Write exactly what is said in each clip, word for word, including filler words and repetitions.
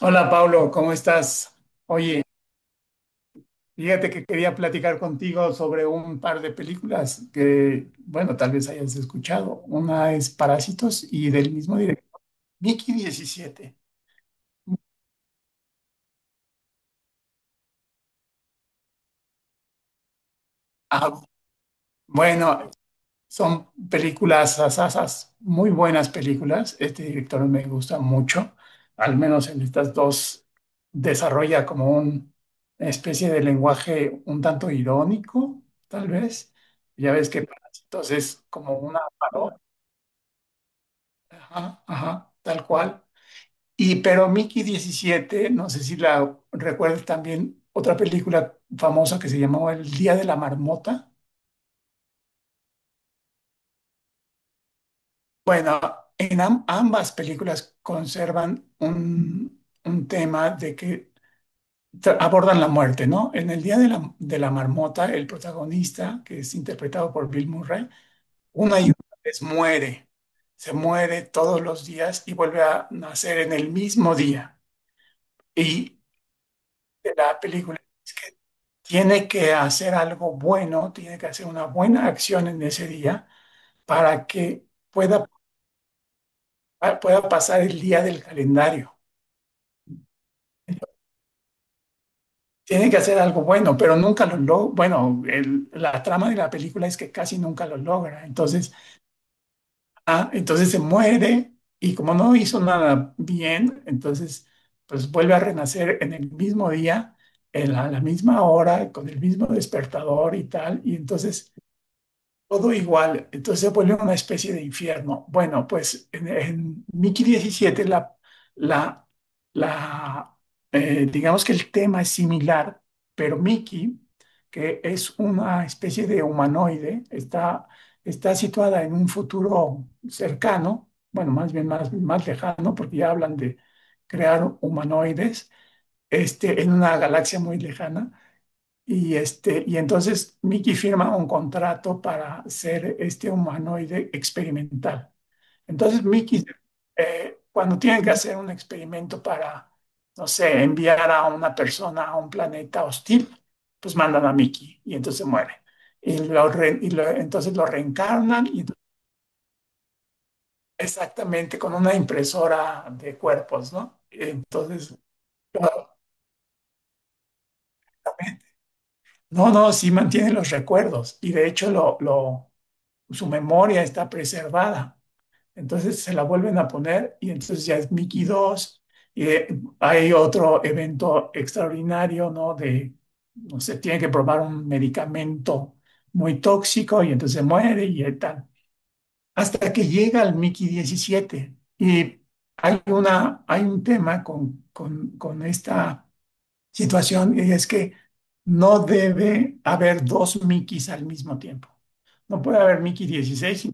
Hola Pablo, ¿cómo estás? Oye, fíjate que quería platicar contigo sobre un par de películas que, bueno, tal vez hayas escuchado. Una es Parásitos y del mismo director, Mickey diecisiete. Ah, bueno, son películas, asasas, muy buenas películas. Este director me gusta mucho. Al menos en estas dos desarrolla como un- una especie de lenguaje un tanto irónico, tal vez. Ya ves que Parásitos es como una parodia, ajá, ajá, tal cual. Y pero Mickey diecisiete no sé si la recuerdas también, otra película famosa que se llamaba El Día de la Marmota. Bueno, en am- ambas películas conservan un, un tema de que tra- abordan la muerte, ¿no? En el Día de la, de la Marmota, el protagonista, que es interpretado por Bill Murray, una y una vez muere, se muere todos los días y vuelve a nacer en el mismo día. Y de la película es que tiene que hacer algo bueno, tiene que hacer una buena acción en ese día para que pueda, pueda pasar el día del calendario. Tiene que hacer algo bueno, pero nunca lo logra. Bueno, el- la trama de la película es que casi nunca lo logra. Entonces, ah, entonces se muere y como no hizo nada bien, entonces pues vuelve a renacer en el mismo día, en la- a la misma hora, con el mismo despertador y tal. Y entonces todo igual, entonces se vuelve una especie de infierno. Bueno, pues en, en Mickey diecisiete la, la, la, eh, digamos que el tema es similar, pero Mickey, que es una especie de humanoide, está, está situada en un futuro cercano, bueno, más bien más, más lejano, porque ya hablan de crear humanoides, este, en una galaxia muy lejana y, este, y entonces Mickey firma un contrato para ser este humanoide experimental. Entonces Mickey, eh, cuando tiene que hacer un experimento para, no sé, enviar a una persona a un planeta hostil, pues mandan a Mickey y entonces muere. Y, lo re- y lo- entonces lo reencarnan y entonces exactamente con una impresora de cuerpos, ¿no? Entonces, lo- no, no, sí mantiene los recuerdos y de hecho lo, lo su memoria está preservada. Entonces se la vuelven a poner y entonces ya es Mickey dos. Y eh, hay otro evento extraordinario, ¿no? De, no sé, tiene que probar un medicamento muy tóxico y entonces muere y tal. Hasta que llega el Mickey diecisiete. Y hay, una, hay un tema con, con, con esta situación y es que no debe haber dos Mickeys al mismo tiempo. No puede haber Mickey dieciséis, y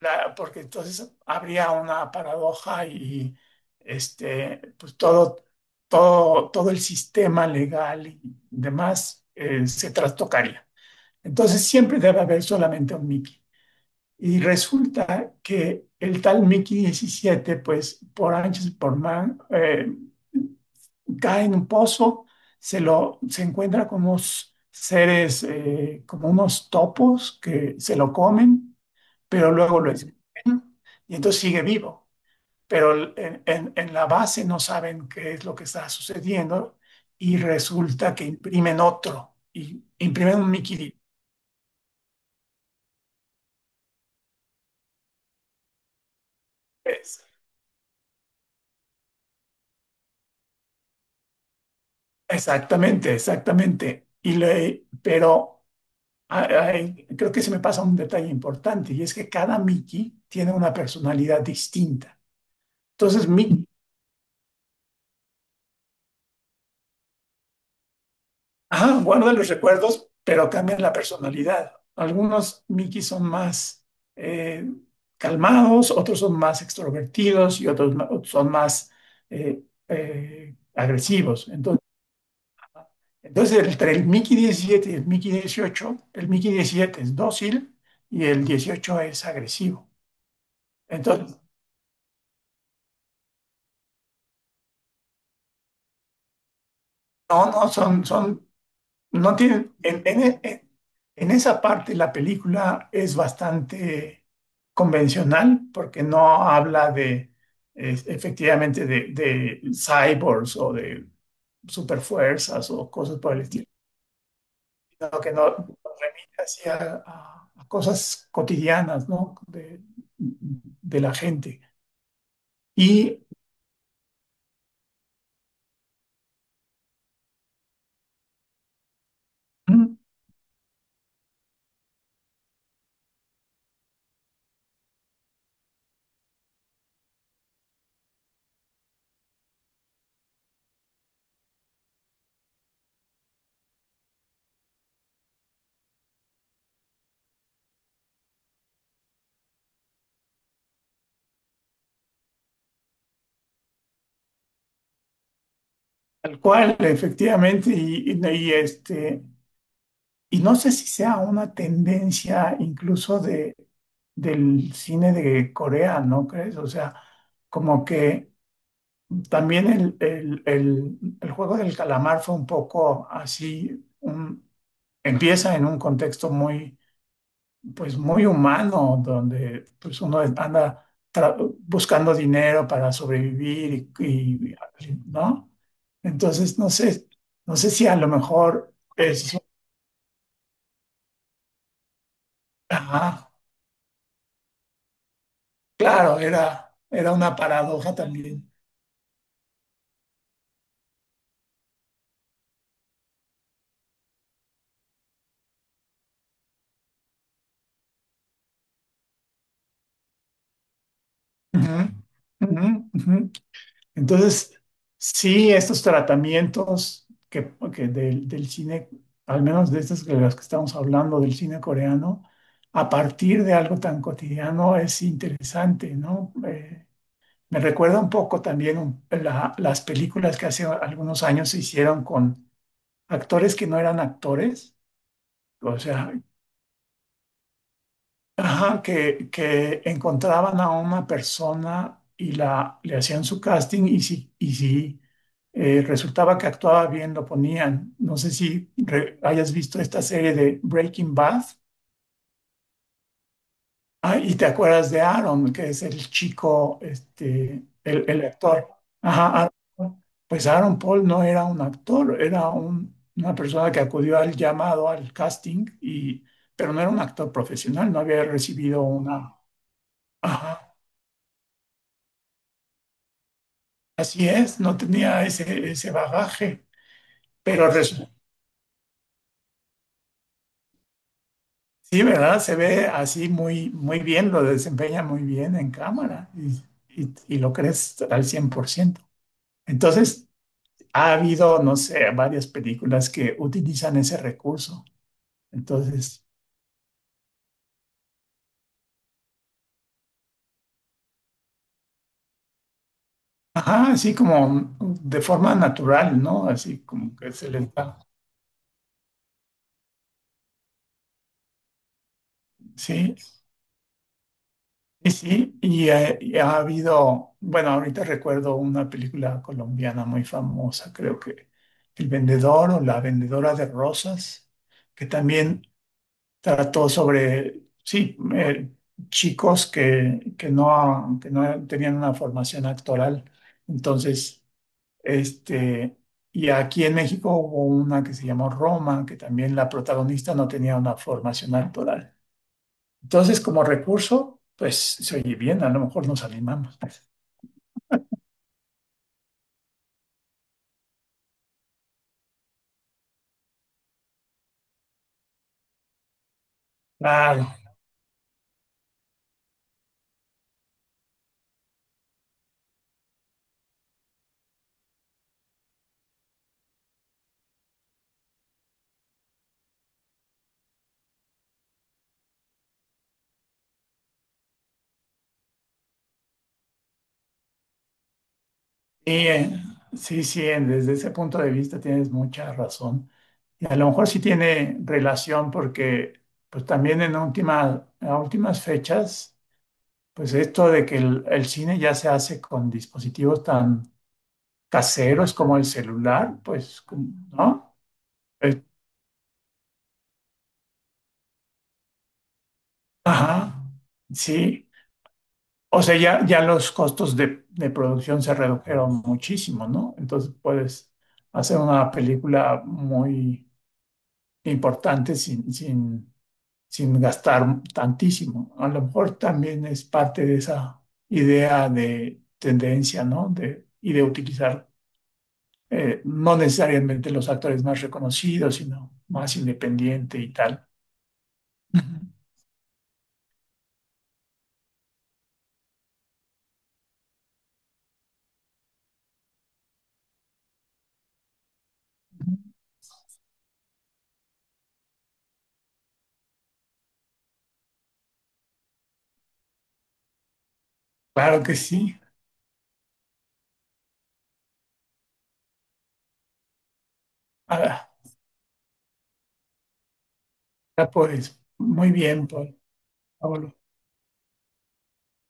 la- porque entonces habría una paradoja y este, pues todo, todo, todo el sistema legal y demás eh, se trastocaría. Entonces siempre debe haber solamente un Mickey. Y resulta que el tal Mickey diecisiete pues por anchos y por man, eh, cae en un pozo, se lo se encuentra con unos seres, eh, como unos topos que se lo comen, pero luego lo escupen y entonces sigue vivo. Pero el- en, en- en la base no saben qué es lo que está sucediendo y resulta que imprimen otro, y imprimen un Mickey D. Es- Exactamente, exactamente. Y le, pero ay, ay, creo que se me pasa un detalle importante y es que cada Mickey tiene una personalidad distinta. Entonces, Mickey, ajá, guarda los recuerdos, pero cambian la personalidad. Algunos Mickey son más eh, calmados, otros son más extrovertidos y otros, ma- otros son más eh, eh, agresivos. Entonces, entonces, entre el Mickey diecisiete y el Mickey dieciocho, el Mickey diecisiete es dócil y el dieciocho es agresivo. Entonces, no, no, son, son no tiene, en, en- en- en esa parte la película es bastante convencional porque no habla de es- efectivamente de, de cyborgs o de superfuerzas o cosas por el estilo, sino que no no remite hacia a- a cosas cotidianas, ¿no? De, de la gente. Y mm, tal cual, efectivamente, y, y- y, este, y no sé si sea una tendencia incluso de, del cine de Corea, ¿no crees? O sea, como que también el, el- el- el juego del calamar fue un poco así, un- empieza en un contexto muy, pues muy humano, donde pues uno anda tra- buscando dinero para sobrevivir y, y- ¿no? Entonces, no sé, no sé si a lo mejor es... ajá, claro, era, era una paradoja también. Ujú, ujú, ujú. Entonces, sí, estos tratamientos que, que del, del cine, al menos de estas que las que estamos hablando del cine coreano, a partir de algo tan cotidiano es interesante, ¿no? Eh, me recuerda un poco también un- la- las películas que hace algunos años se hicieron con actores que no eran actores, o sea, ajá, que, que encontraban a una persona y la, le hacían su casting y si, y si eh, resultaba que actuaba bien, lo ponían. No sé si re- hayas visto esta serie de Breaking Bad. Ah, y te acuerdas de Aaron, que es el chico, este, el, el actor. Ajá, Aaron. Pues Aaron Paul no era un actor, era un- una persona que acudió al llamado, al casting, y, pero no era un actor profesional, no había recibido una... Ajá. Así es, no tenía ese, ese bagaje, pero res- sí, ¿verdad? Se ve así muy, muy bien, lo desempeña muy bien en cámara y, y- y lo crees al cien por ciento. Entonces, ha habido, no sé, varias películas que utilizan ese recurso. Entonces, ajá, así como de forma natural, ¿no? Así como que se les da. Sí, y sí, y, eh, y ha habido, bueno, ahorita recuerdo una película colombiana muy famosa, creo que El Vendedor o La Vendedora de Rosas, que también trató sobre, sí, eh, chicos que, que no, que no tenían una formación actoral. Entonces, este, y aquí en México hubo una que se llamó Roma, que también la protagonista no tenía una formación actoral. Entonces, como recurso, pues se oye bien, a lo mejor nos animamos. Claro, sí, eh, sí, sí, en- desde ese punto de vista tienes mucha razón. Y a lo mejor sí tiene relación porque, pues también en última, a últimas fechas, pues esto de que el, el cine ya se hace con dispositivos tan caseros como el celular, pues, como ¿no? Eh, ajá, sí. O sea, ya, ya los costos de, de producción se redujeron muchísimo, ¿no? Entonces puedes hacer una película muy importante sin, sin, sin gastar tantísimo. A lo mejor también es parte de esa idea de tendencia, ¿no? De, y de utilizar eh, no necesariamente los actores más reconocidos, sino más independiente y tal. Ujú. Claro que sí. Ah, pues muy bien, Paul.